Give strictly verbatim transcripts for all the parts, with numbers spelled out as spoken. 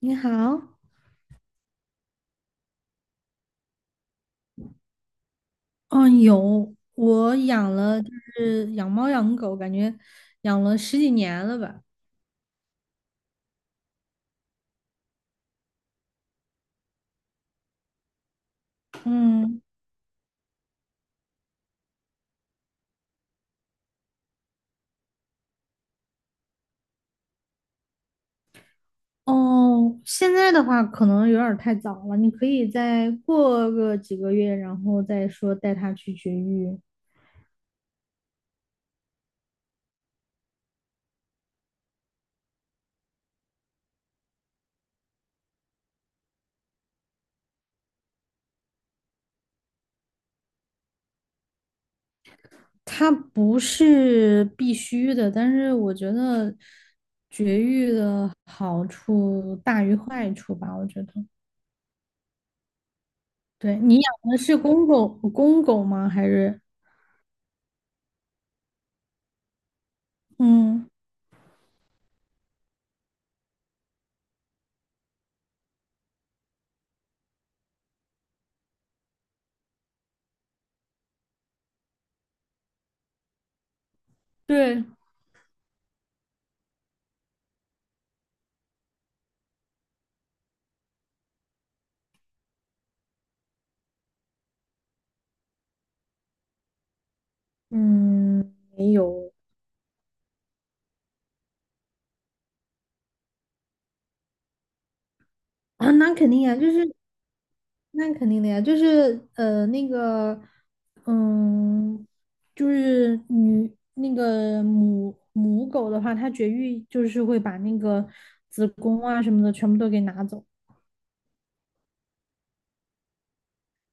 你好，嗯，有，我养了，就是养猫养狗，感觉养了十几年了吧。嗯，哦，现在的话可能有点儿太早了，你可以再过个几个月，然后再说带它去绝育。它不是必须的，但是我觉得绝育的好处大于坏处吧，我觉得。对，你养的是公狗，公狗吗？还是？嗯，对。嗯，没有啊，那肯定呀，就是那肯定的呀，就是呃那个，嗯，就是女那个母母狗的话，它绝育就是会把那个子宫啊什么的全部都给拿走。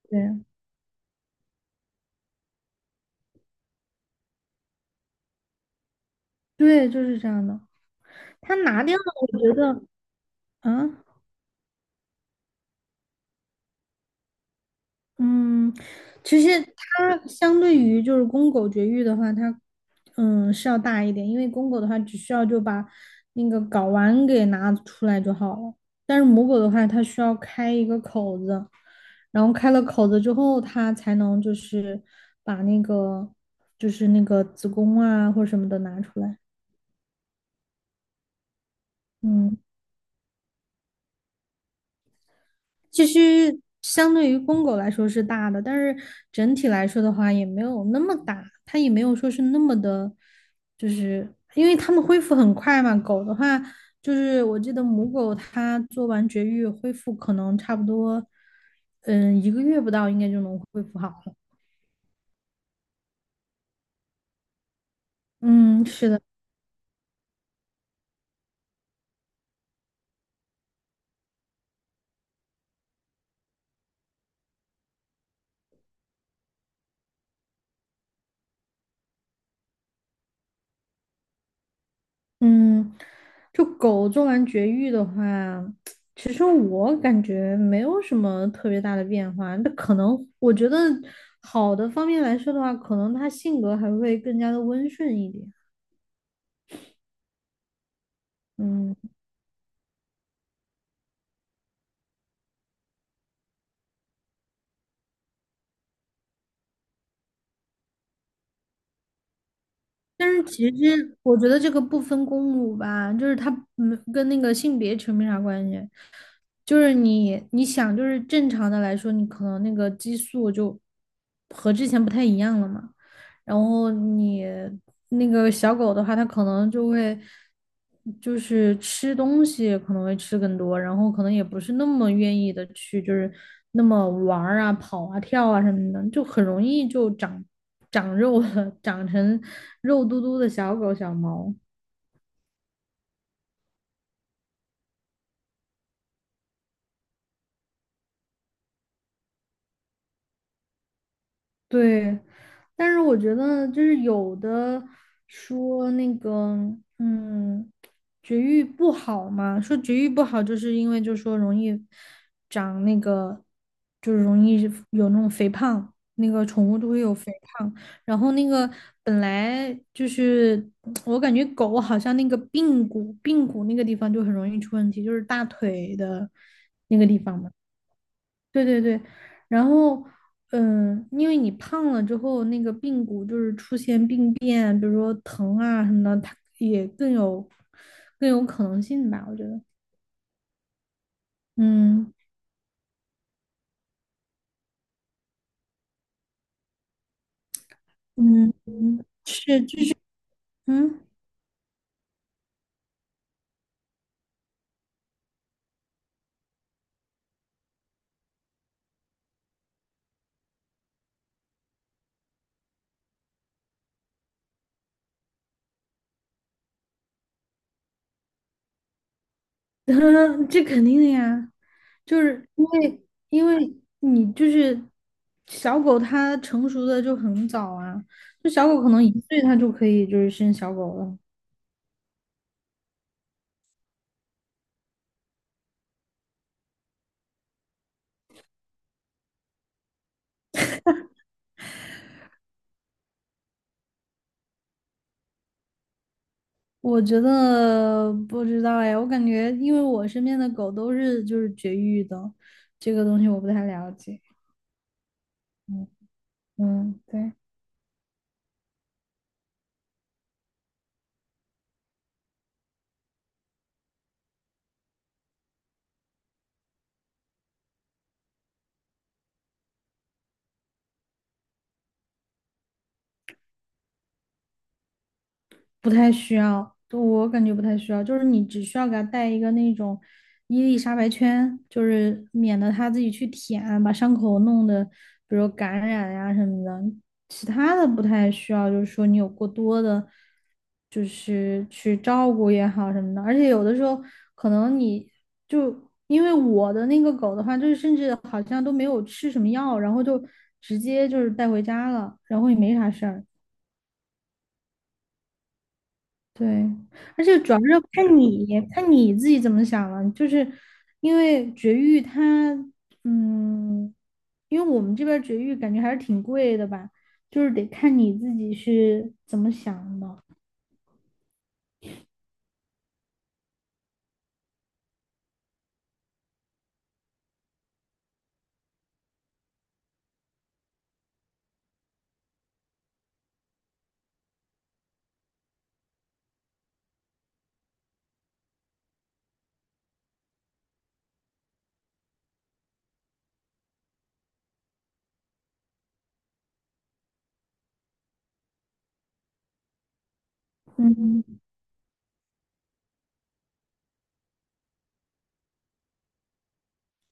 对，对，就是这样的。它拿掉了，我觉得，啊。嗯，其实它相对于就是公狗绝育的话，它嗯是要大一点，因为公狗的话只需要就把那个睾丸给拿出来就好了，但是母狗的话，它需要开一个口子，然后开了口子之后，它才能就是把那个就是那个子宫啊或者什么的拿出来。嗯。其实相对于公狗来说是大的，但是整体来说的话也没有那么大，它也没有说是那么的，就是因为它们恢复很快嘛。狗的话，就是我记得母狗它做完绝育恢复可能差不多，嗯，一个月不到应该就能恢复好了。嗯，是的。嗯，就狗做完绝育的话，其实我感觉没有什么特别大的变化。那可能我觉得好的方面来说的话，可能它性格还会更加的温顺一点。嗯，但是其实我觉得这个不分公母吧，就是它没跟那个性别扯没啥关系。就是你你想，就是正常的来说，你可能那个激素就和之前不太一样了嘛。然后你那个小狗的话，它可能就会就是吃东西可能会吃更多，然后可能也不是那么愿意的去就是那么玩儿啊、跑啊、跳啊什么的，就很容易就长长肉了，长成肉嘟嘟的小狗小猫。对，但是我觉得就是有的说那个，嗯，绝育不好嘛，说绝育不好，就是因为就说容易长那个，就是容易有那种肥胖，那个宠物都会有肥胖。然后那个本来就是我感觉狗好像那个髌骨，髌骨那个地方就很容易出问题，就是大腿的那个地方嘛。对对对，然后，嗯，因为你胖了之后，那个髌骨就是出现病变，比如说疼啊什么的，它也更有更有可能性吧，我觉得。嗯嗯，嗯是，就是嗯，这肯定的呀，就是因为因为你就是小狗，它成熟的就很早啊，就小狗可能一岁它就可以就是生小狗了。我觉得不知道哎，我感觉因为我身边的狗都是就是绝育的，这个东西我不太了解。嗯嗯，对。不太需要，对我感觉不太需要，就是你只需要给它带一个那种伊丽莎白圈，就是免得它自己去舔啊，把伤口弄得比如感染呀、什么的。其他的不太需要，就是说你有过多的，就是去照顾也好什么的。而且有的时候可能你就因为我的那个狗的话，就是甚至好像都没有吃什么药，然后就直接就是带回家了，然后也没啥事儿。对，而且主要是看你看你自己怎么想了，就是因为绝育它，嗯，因为我们这边儿绝育感觉还是挺贵的吧，就是得看你自己是怎么想的。嗯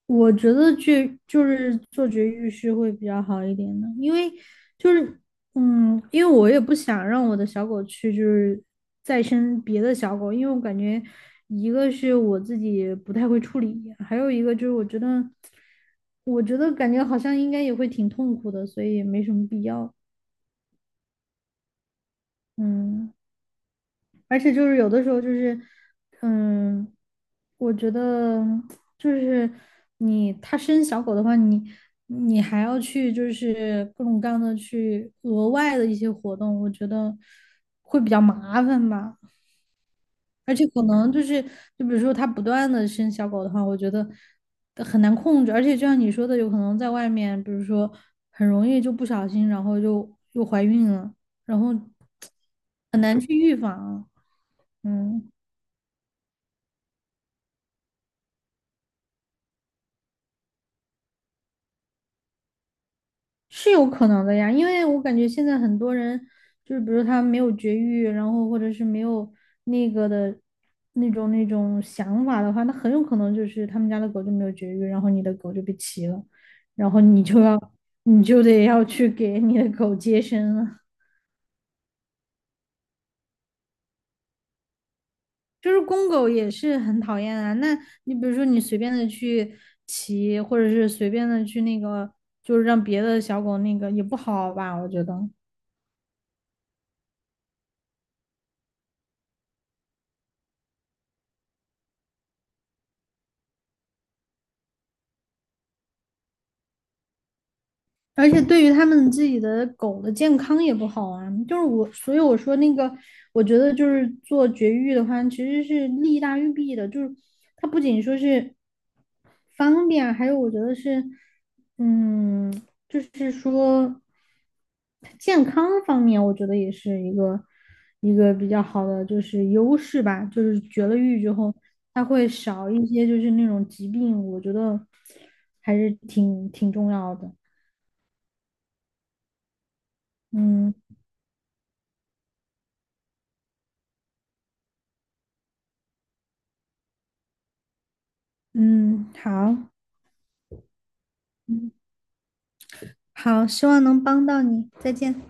我觉得去就是做绝育是会比较好一点的，因为就是嗯，因为我也不想让我的小狗去就是再生别的小狗，因为我感觉一个是我自己不太会处理，还有一个就是我觉得我觉得感觉好像应该也会挺痛苦的，所以也没什么必要。嗯，而且就是有的时候就是，嗯，我觉得就是你它生小狗的话，你你还要去就是各种各样的去额外的一些活动，我觉得会比较麻烦吧。而且可能就是，就比如说它不断的生小狗的话，我觉得很难控制。而且就像你说的，有可能在外面，比如说很容易就不小心，然后就又怀孕了，然后很难去预防。嗯。是有可能的呀，因为我感觉现在很多人就是，比如他没有绝育，然后或者是没有那个的那种那种想法的话，那很有可能就是他们家的狗就没有绝育，然后你的狗就被骑了，然后你就要你就得要去给你的狗接生了。就是公狗也是很讨厌啊，那你比如说你随便的去骑，或者是随便的去那个，就是让别的小狗那个也不好吧，我觉得。而且对于他们自己的狗的健康也不好啊，就是我，所以我说那个，我觉得就是做绝育的话，其实是利大于弊的，就是它不仅说是方便啊还有我觉得是，嗯，就是说健康方面，我觉得也是一个一个比较好的就是优势吧，就是绝了育之后，它会少一些就是那种疾病，我觉得还是挺挺重要的。嗯，嗯，好，嗯，好，希望能帮到你，再见。